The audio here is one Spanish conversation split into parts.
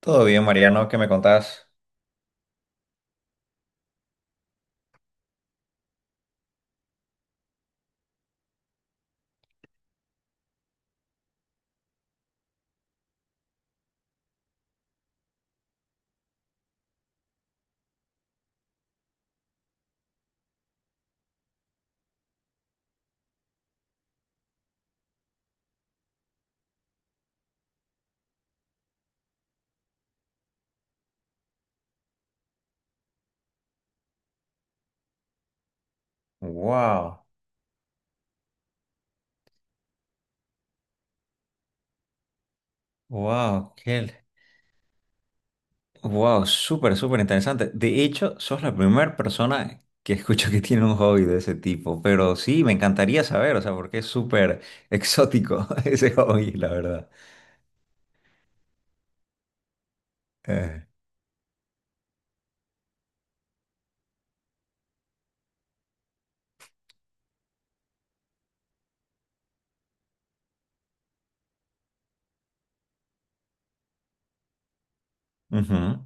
Todo bien, Mariano, ¿qué me contás? Wow, wow, qué, wow, súper, súper interesante. De hecho, sos la primera persona que escucho que tiene un hobby de ese tipo, pero sí, me encantaría saber, o sea, porque es súper exótico ese hobby, la verdad. Eh, ujú.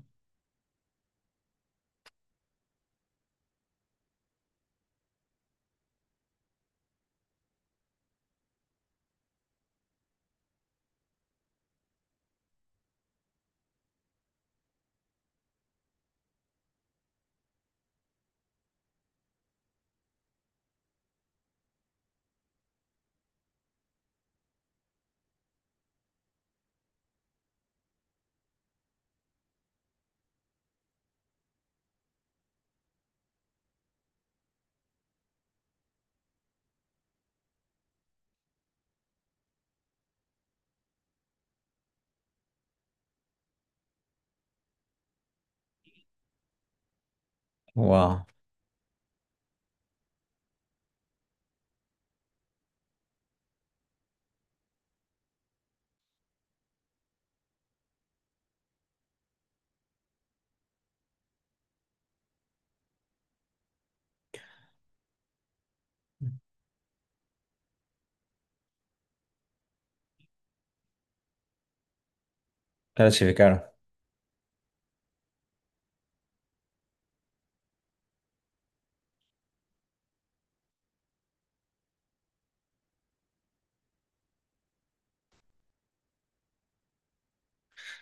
Wow, clasificar.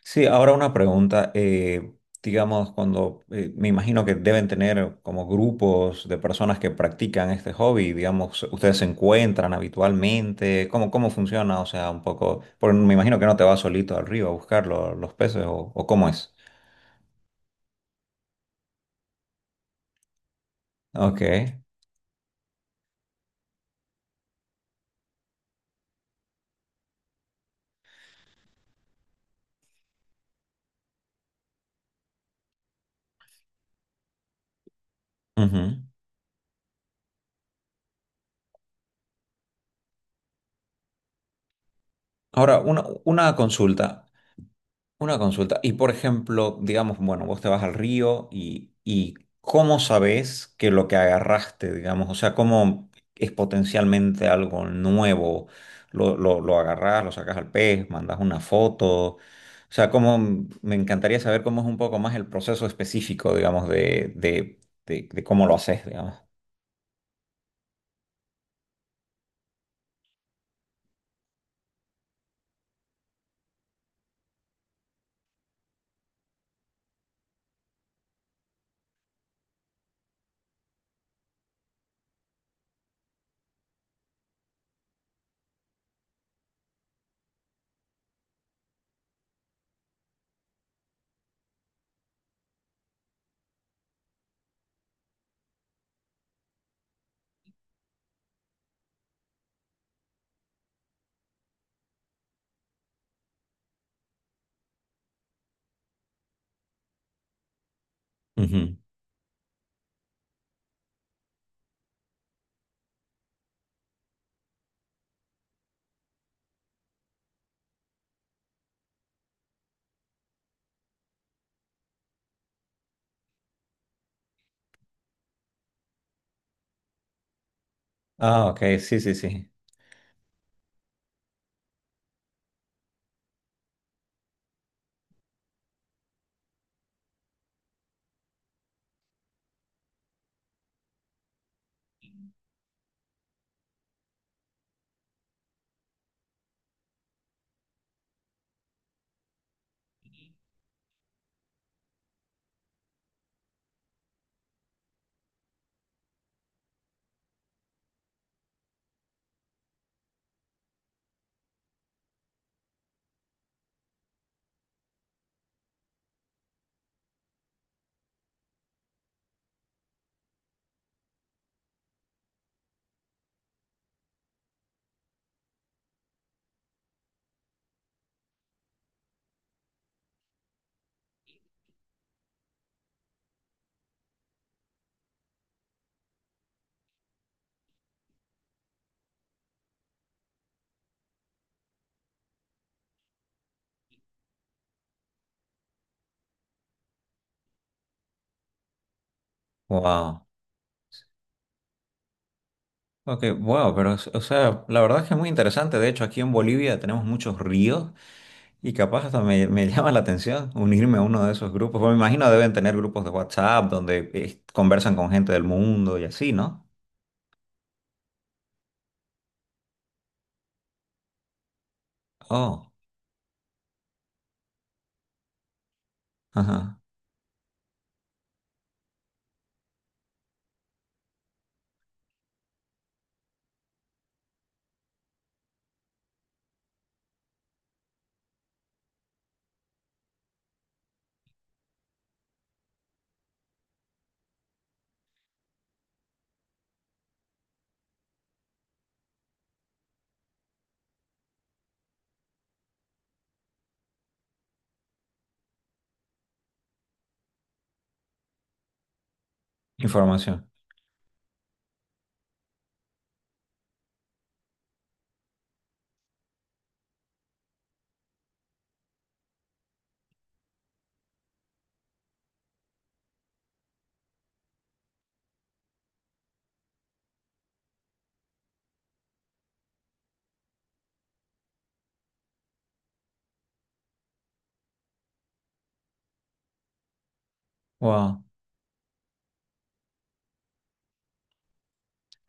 Sí, ahora una pregunta. Digamos, cuando me imagino que deben tener como grupos de personas que practican este hobby, digamos, ustedes se encuentran habitualmente, ¿cómo, cómo funciona? O sea, un poco, porque me imagino que no te vas solito al río a buscar los peces o cómo es. Ok. Ujú. Ahora, una consulta. Una consulta. Y por ejemplo, digamos, bueno, vos te vas al río y ¿cómo sabés que lo que agarraste, digamos, o sea, cómo es potencialmente algo nuevo? Lo agarrás, lo sacás al pez, mandás una foto. O sea, cómo, me encantaría saber cómo es un poco más el proceso específico, digamos, de cómo lo haces, digamos. Ujú. Ah, ok, sí, sí, sí. Wow. Ok, wow, pero, es- o sea, la verdad es que es muy interesante. De hecho, aquí en Bolivia tenemos muchos ríos. Y capaz hasta me llama la atención unirme a uno de esos grupos. Porque me imagino deben tener grupos de WhatsApp donde conversan con gente del mundo y así, ¿no? Oh, ajá. Información. Wow.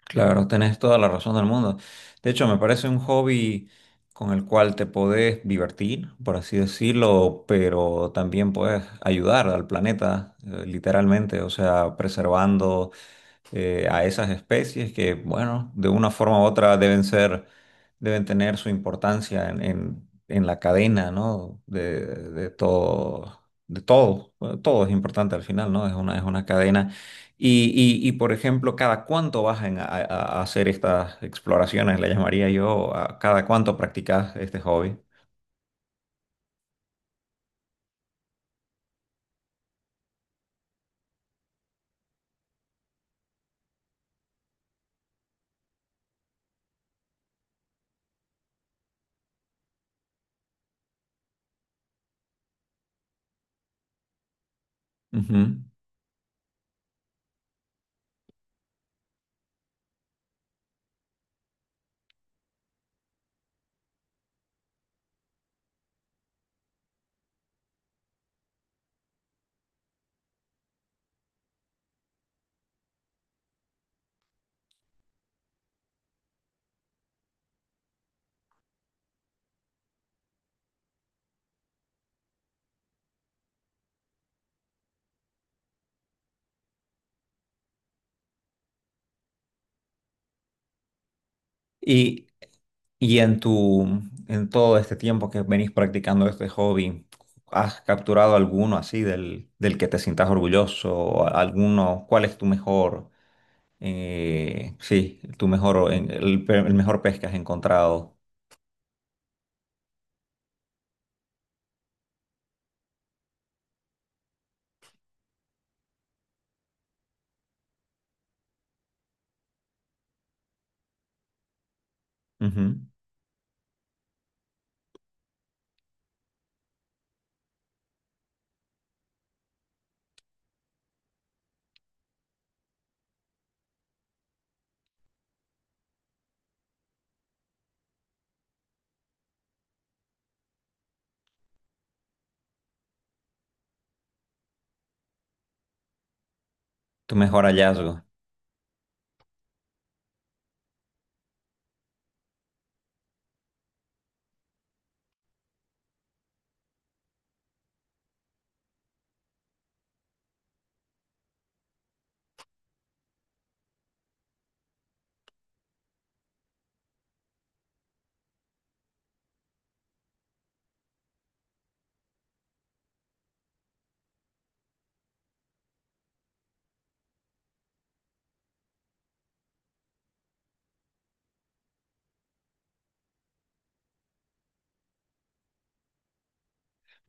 Claro, tenés toda la razón del mundo. De hecho, me parece un hobby con el cual te podés divertir, por así decirlo, pero también puedes ayudar al planeta, literalmente, o sea, preservando a esas especies que, bueno, de una forma u otra deben ser, deben tener su importancia en, en la cadena, ¿no? De todo, de todo. Bueno, todo es importante al final, ¿no? Es una cadena. Y, y, por ejemplo, ¿cada cuánto vas hacer estas exploraciones? Le llamaría yo, ¿a cada cuánto practicas este hobby? Ujú. Y, y en tu, en todo este tiempo que venís practicando este hobby, ¿has capturado alguno así del, del que te sientas orgulloso? ¿O alguno? ¿Cuál es tu mejor, sí, tu mejor, el mejor pez que has encontrado? Ujú. Tu mejor hallazgo.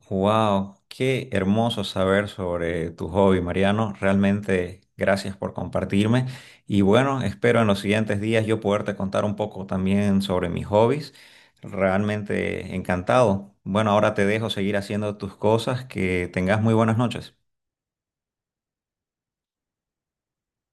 Wow, qué hermoso saber sobre tu hobby, Mariano. Realmente gracias por compartirme. Y bueno, espero en los siguientes días yo poderte contar un poco también sobre mis hobbies. Realmente encantado. Bueno, ahora te dejo seguir haciendo tus cosas. Que tengas muy buenas noches.